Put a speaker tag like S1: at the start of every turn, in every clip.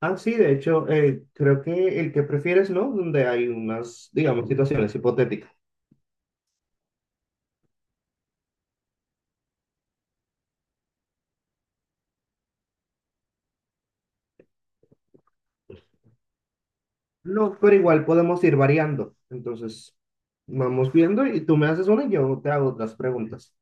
S1: Ah, sí, de hecho, creo que el que prefieres, ¿no? Donde hay unas, digamos, situaciones hipotéticas. No, pero igual podemos ir variando. Entonces, vamos viendo y tú me haces una y yo te hago otras preguntas.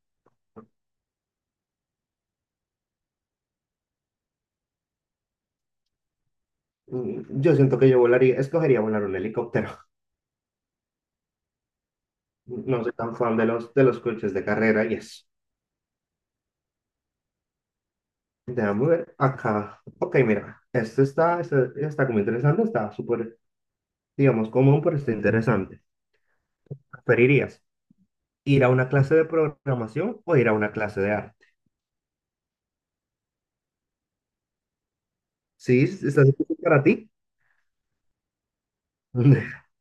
S1: Yo siento que yo volaría, escogería volar un helicóptero. No soy tan fan de los coches de carrera y eso. Déjame ver acá. Ok, mira, este está como interesante, está súper, digamos, común, pero está interesante. ¿Preferirías ir a una clase de programación o ir a una clase de arte? Sí, está difícil para ti.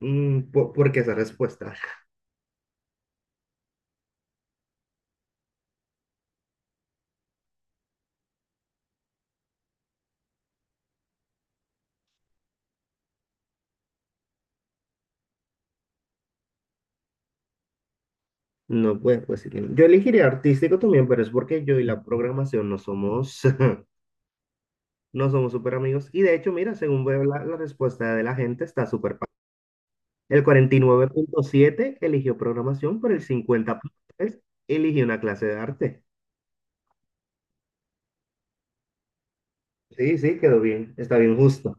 S1: ¿Por qué esa respuesta? No, pues Yo elegiría artístico también, pero es porque yo y la programación no somos, no somos súper amigos. Y de hecho, mira, según veo la respuesta de la gente, está súper. El 49.7 eligió programación, pero el 50.3 eligió una clase de arte. Sí, sí, quedó bien. Está bien justo.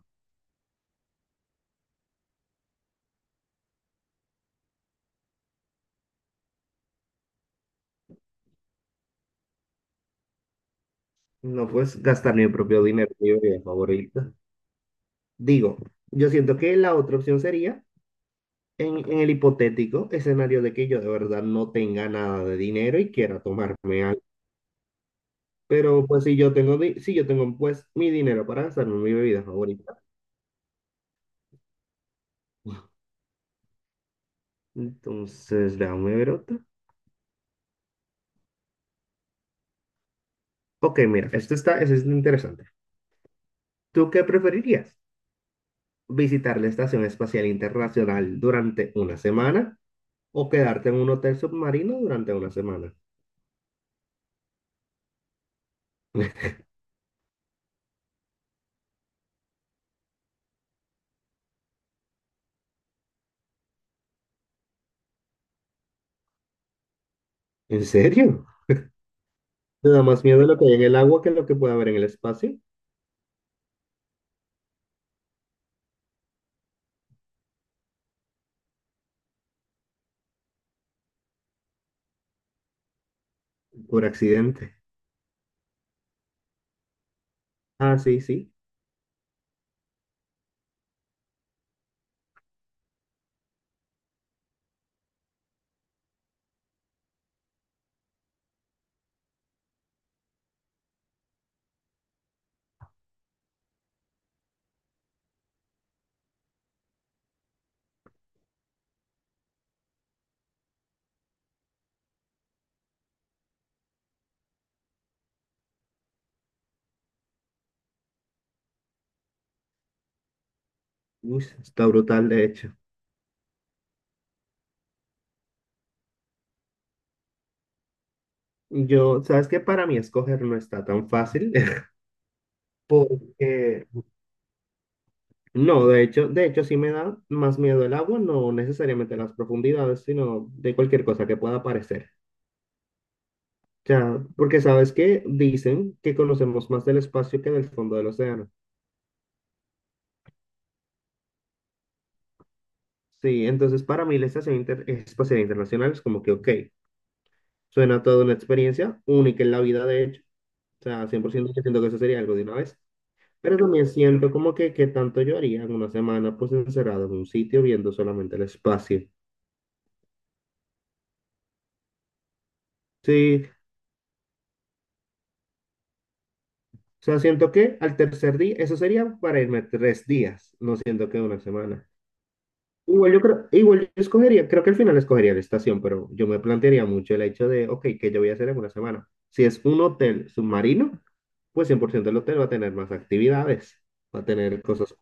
S1: No puedes gastar mi propio dinero, mi bebida favorita. Digo, yo siento que la otra opción sería. En el hipotético escenario de que yo de verdad no tenga nada de dinero y quiera tomarme algo. Pero pues si yo tengo pues mi dinero para gastarme en mi bebida favorita. Entonces, déjame ver otra. Ok, mira, esto está, esto es interesante. ¿Tú qué preferirías? ¿Visitar la Estación Espacial Internacional durante una semana o quedarte en un hotel submarino durante una semana? ¿En serio? ¿Te da más miedo lo que hay en el agua que lo que puede haber en el espacio? Por accidente. Ah, sí, sí. Uy, está brutal, de hecho. Yo, sabes que para mí escoger no está tan fácil, porque no, de hecho sí me da más miedo el agua, no necesariamente las profundidades, sino de cualquier cosa que pueda aparecer. O sea, porque sabes que dicen que conocemos más del espacio que del fondo del océano. Sí, entonces para mí la Estación Espacial Internacional es como que, ok, suena toda una experiencia única en la vida, de hecho. O sea, 100% yo siento que eso sería algo de una vez. Pero también siento como que tanto yo haría en una semana pues encerrado en un sitio viendo solamente el espacio. Sí, o sea, siento que al tercer día, eso sería para irme tres días, no siento que una semana. Igual yo creo, igual yo escogería, creo que al final escogería la estación, pero yo me plantearía mucho el hecho de, ok, ¿qué yo voy a hacer en una semana? Si es un hotel submarino, pues 100% el hotel va a tener más actividades, va a tener cosas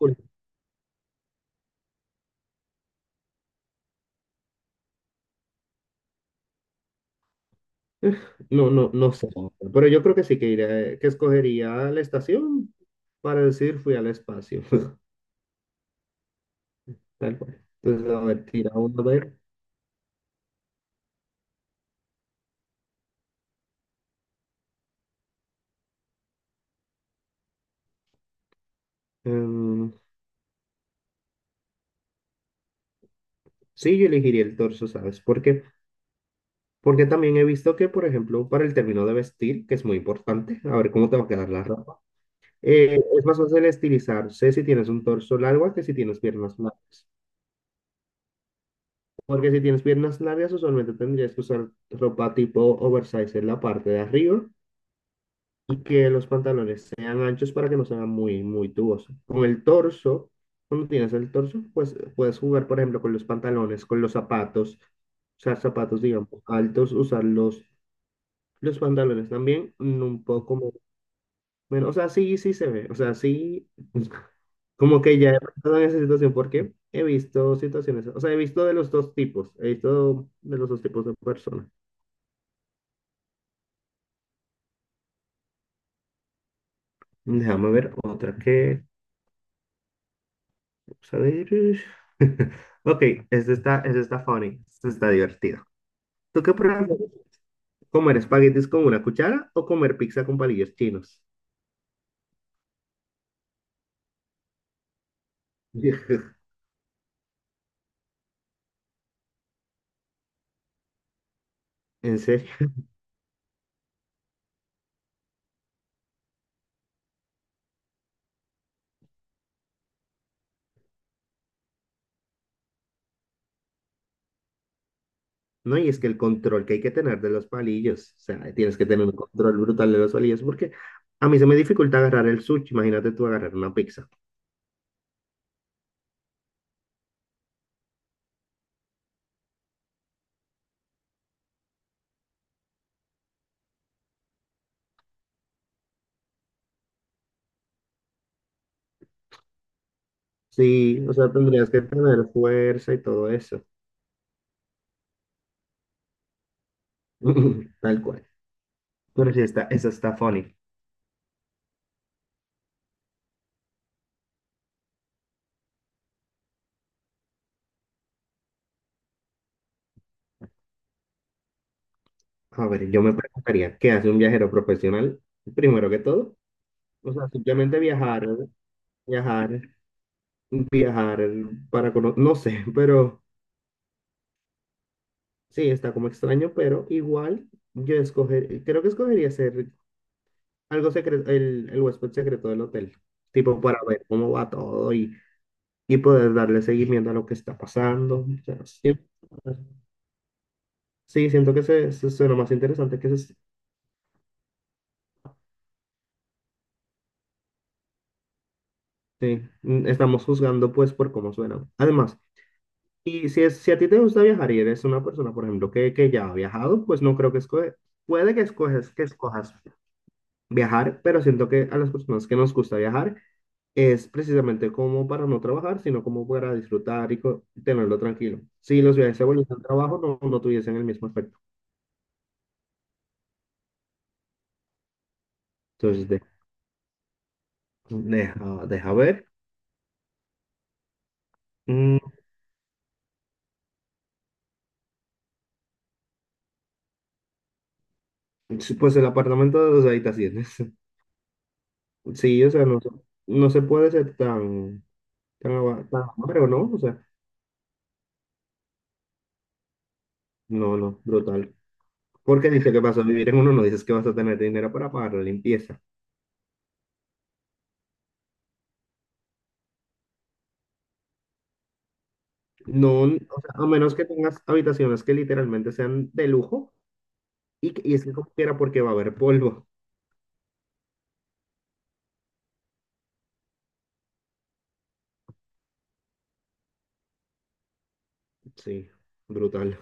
S1: Eh, No, no, no sé, pero yo creo que sí que iré, que escogería la estación para decir fui al espacio, tal cual. Entonces, a ver, tira uno, a ver. Em, sí, yo elegiría el torso, ¿sabes? Porque también he visto que, por ejemplo, para el término de vestir, que es muy importante, a ver cómo te va a quedar la ropa, es más fácil estilizarse si tienes un torso largo a que si tienes piernas largas. Porque si tienes piernas largas, usualmente tendrías que usar ropa tipo oversize en la parte de arriba y que los pantalones sean anchos para que no sean muy, muy tubosos. Con el torso, cuando tienes el torso, pues puedes jugar, por ejemplo, con los pantalones, con los zapatos, usar zapatos, digamos, altos, usar los, pantalones también, un poco menos, o sea, sí, sí se ve, o sea, sí, como que ya he pasado en esa situación porque he visto situaciones, o sea, he visto de los dos tipos, he visto de los dos tipos de personas. Déjame ver otra que. Vamos a ver. Ok, esto está funny. Esto está divertido. ¿Tú qué prefieres? ¿Comer espaguetis con una cuchara o comer pizza con palillos chinos? En serio. No, y es que el control que hay que tener de los palillos, o sea, tienes que tener un control brutal de los palillos porque a mí se me dificulta agarrar el sushi, imagínate tú agarrar una pizza. Sí, o sea, tendrías que tener fuerza y todo eso. Tal cual. Pero sí, está, eso está funny. A ver, yo me preguntaría, ¿qué hace un viajero profesional? Primero que todo, o sea, simplemente viajar, viajar, viajar para conocer, no sé, pero sí, está como extraño, pero igual yo escoger, creo que escogería ser algo secreto, el huésped secreto del hotel, tipo para ver cómo va todo y poder darle seguimiento a lo que está pasando. O sea, sí, sí, siento que se suena más interesante que se, sí, estamos juzgando pues por cómo suena. Además, Y si a ti te gusta viajar y eres una persona, por ejemplo, que ya ha viajado, pues no creo que escoge, puede que escoges, que escojas viajar, pero siento que a las personas que nos gusta viajar es precisamente como para no trabajar, sino como para disfrutar y tenerlo tranquilo. Si los viajes se volviesen trabajo, no, no tuviesen el mismo efecto. Entonces, deja ver. Mm, sí, pues el apartamento de dos habitaciones. Sí, o sea, no, no se puede ser tan, tan, tan, amargo, ¿no? O sea, no, no, brutal. Porque dice que vas a vivir en uno, no dices que vas a tener dinero para pagar la limpieza. No, o sea, a menos que tengas habitaciones que literalmente sean de lujo y es que como quiera porque va a haber polvo. Sí, brutal.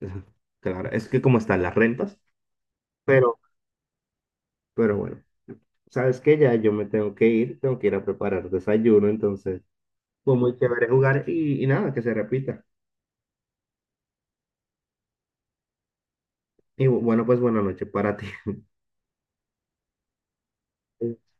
S1: Claro, es que como están las rentas, pero, pero bueno, sabes que ya yo me tengo que ir a preparar desayuno, entonces fue muy chévere jugar y nada, que se repita. Y bueno, pues buena noche para ti.